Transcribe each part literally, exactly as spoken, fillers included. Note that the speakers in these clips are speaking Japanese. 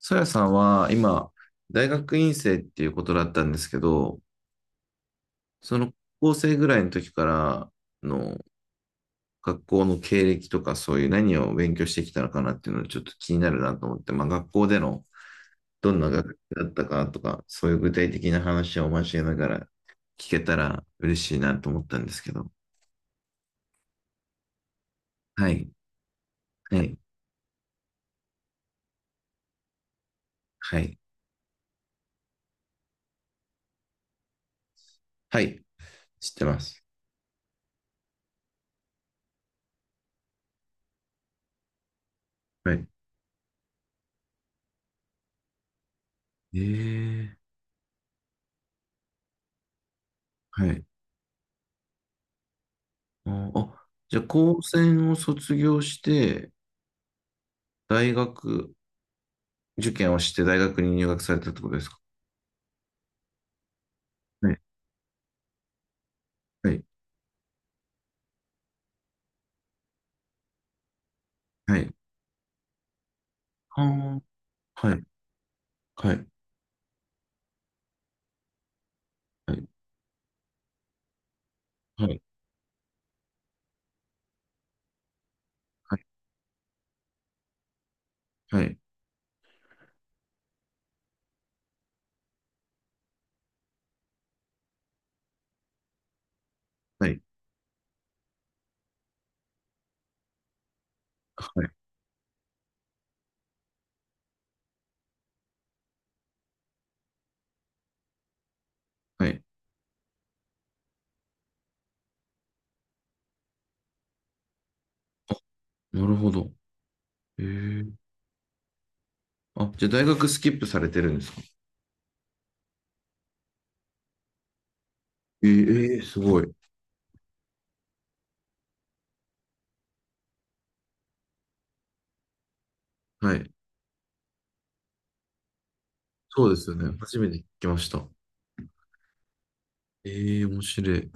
さやさんは今、大学院生っていうことだったんですけど、その高校生ぐらいの時からの学校の経歴とかそういう何を勉強してきたのかなっていうのがちょっと気になるなと思って、まあ学校でのどんな学科だったかとか、そういう具体的な話を交えながら聞けたら嬉しいなと思ったんですけど。はい、はい、はい、はい、知ってます。はい。ええ、はい。あ、あじゃあ高専を卒業して、大学受験をして大学に入学されたってことですか？はい、はい、はい。はあ、はい、はい、はい、はい、はい、はい、はい、はいはい。なるほど。ええ。あ、じゃあ大学スキップされてるんですか？ええー、すごい。はい。そうですよね。初めて聞きました。ええ、面白い。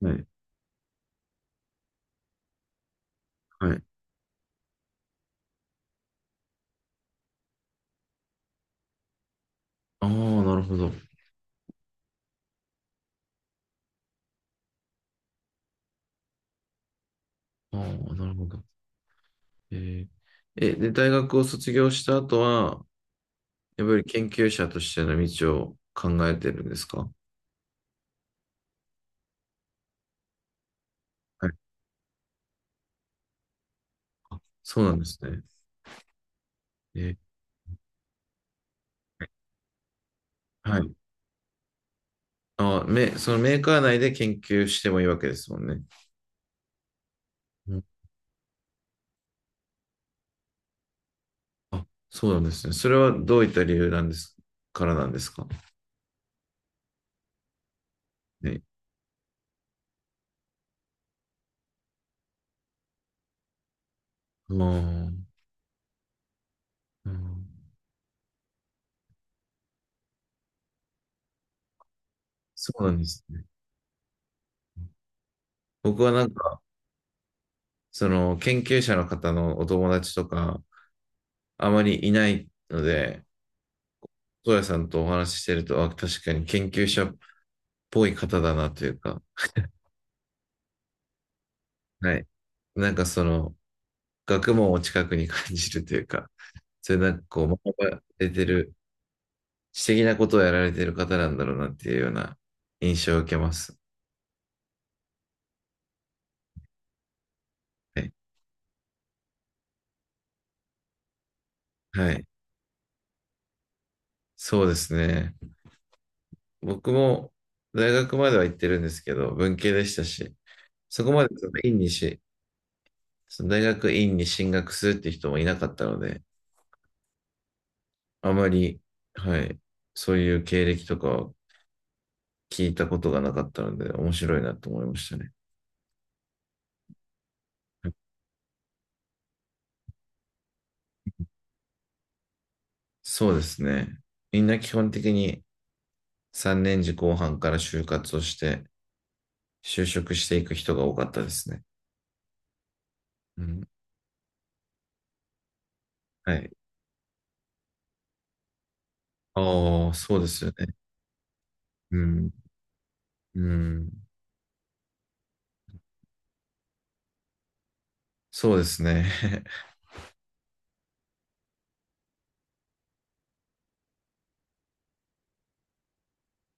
はい、はい。ああ、なるほど。ああ、なるほど。えええ、で、大学を卒業した後は、やっぱり研究者としての道を考えてるんですか？はい、あ、そうなんですね。えー、はい。あ、め、そのメーカー内で研究してもいいわけですもんね。うん、あ、そうなんですね。それはどういった理由なんですからなんですかね。あー、うん、そうなんですね。僕はなんか、その研究者の方のお友達とか、あまりいないので、うやさんとお話ししてると、あ、確かに研究者っぽい方だなというか、はい。なんかその、学問を近くに感じるというか、そういうなんかこう、学ばれてる、知的なことをやられてる方なんだろうなっていうような印象を受けます。はい。はい。そうですね。僕も大学までは行ってるんですけど、文系でしたし、そこまでその院にし、その大学院に進学するって人もいなかったので、あまり、はい、そういう経歴とかを聞いたことがなかったので、面白いなと思いましたね。そうですね。みんな基本的にさんねん次後半から就活をして、就職していく人が多かったですね。うん。はい。ああ、そうですよね。うん。うん。そうですね。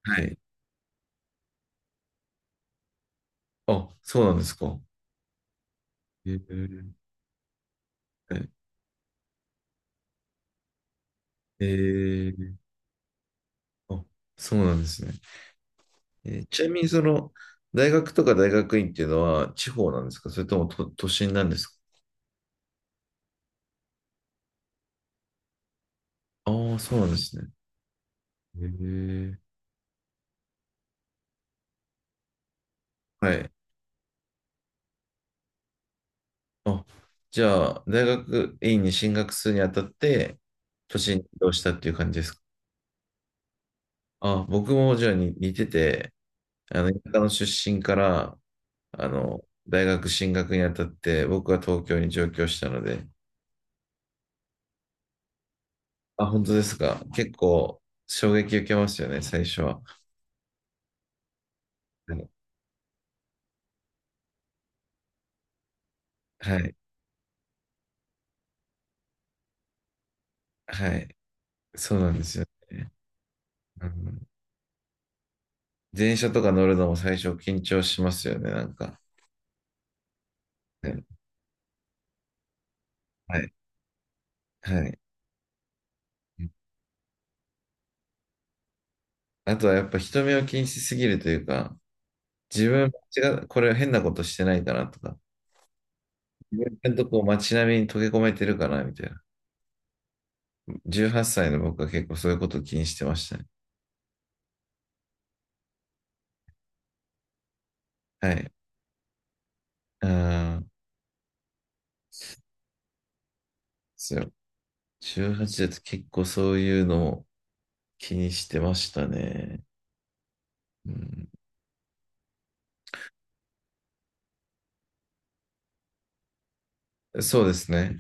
はい。あ、そうなんですか。えー、はい。えー、あ、そうなんですね。えーちなみに、その、大学とか大学院っていうのは地方なんですか？それとも都、都心なんですか？ああー、そうなんですね。えー、はい。あ、じゃあ、大学院に進学するにあたって、都心に移動したっていう感じですか？あ、僕もじゃあに似てて、あの、田舎の出身から、あの、大学進学にあたって、僕は東京に上京したので、あ、本当ですか。結構衝撃受けますよね、最初は。はい、はい、はい、そうなんですよね。うん、電車とか乗るのも最初緊張しますよね、なんか。ね、はい、はい。はい、あとはやっぱ人目を気にしすぎるというか、自分間違う、これ変なことしてないかなとか、自分のとこ街並みに溶け込めてるかな、みたいな。じゅうはっさいの僕は結構そういうことを気にしてましたね。はい。ああ、そう。じゅうはちだと結構そういうのを気にしてましたね。うん、そうですね。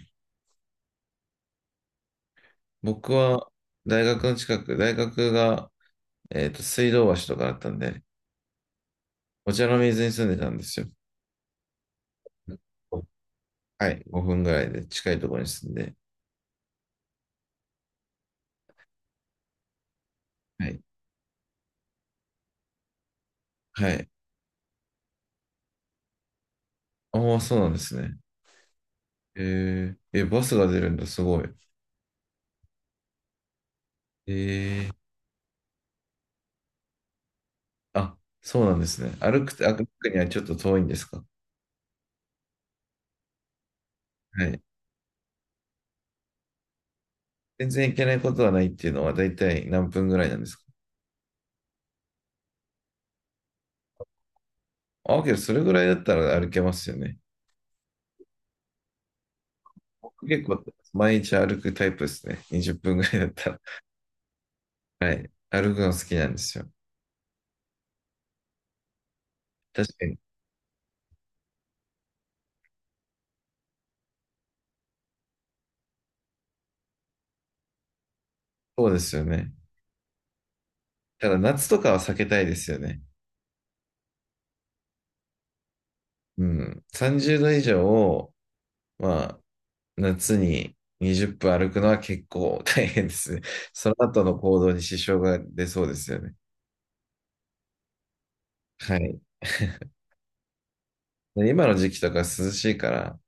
僕は大学の近く、大学が、えっと、水道橋とかだったんで、お茶の水に住んでたんですよ。はい。ごふんぐらいで近いところに住んで。はい。はい。ああ、そうなんですね。えー、え、バスが出るんだ、すごい。えー、あ、そうなんですね。歩くと、歩くにはちょっと遠いんですか？はい。全然行けないことはないっていうのは大体何分ぐらいなんですか？あ、けどそれぐらいだったら歩けますよね。僕結構毎日歩くタイプですね。にじゅっぷんぐらいだったら。はい。歩くの好きなんですよ。確かに。そうですよね。ただ夏とかは避けたいですよね。うん。さんじゅうど以上を、まあ、夏ににじゅっぷん歩くのは結構大変ですね。その後の行動に支障が出そうですよね。はい。で今の時期とか涼しいから、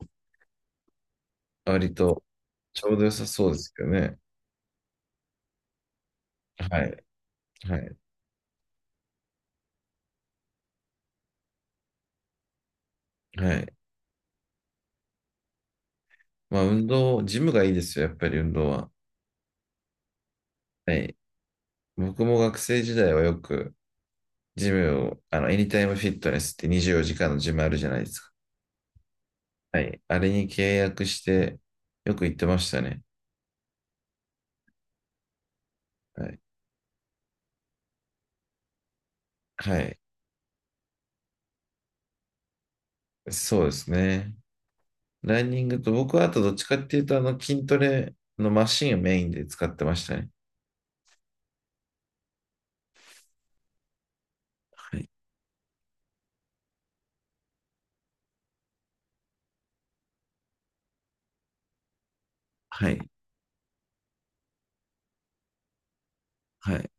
割とちょうど良さそうですけどね。はい。はい。はい。まあ、運動、ジムがいいですよ、やっぱり運動は。はい。僕も学生時代はよく、ジムを、あの、エニタイムフィットネスってにじゅうよじかんのジムあるじゃないですか。はい。あれに契約して、よく行ってましたね。はい。はい。そうですね。ランニングと、僕はあとどっちかっていうと、あの、筋トレのマシンをメインで使ってましたね。はい。はい。はい。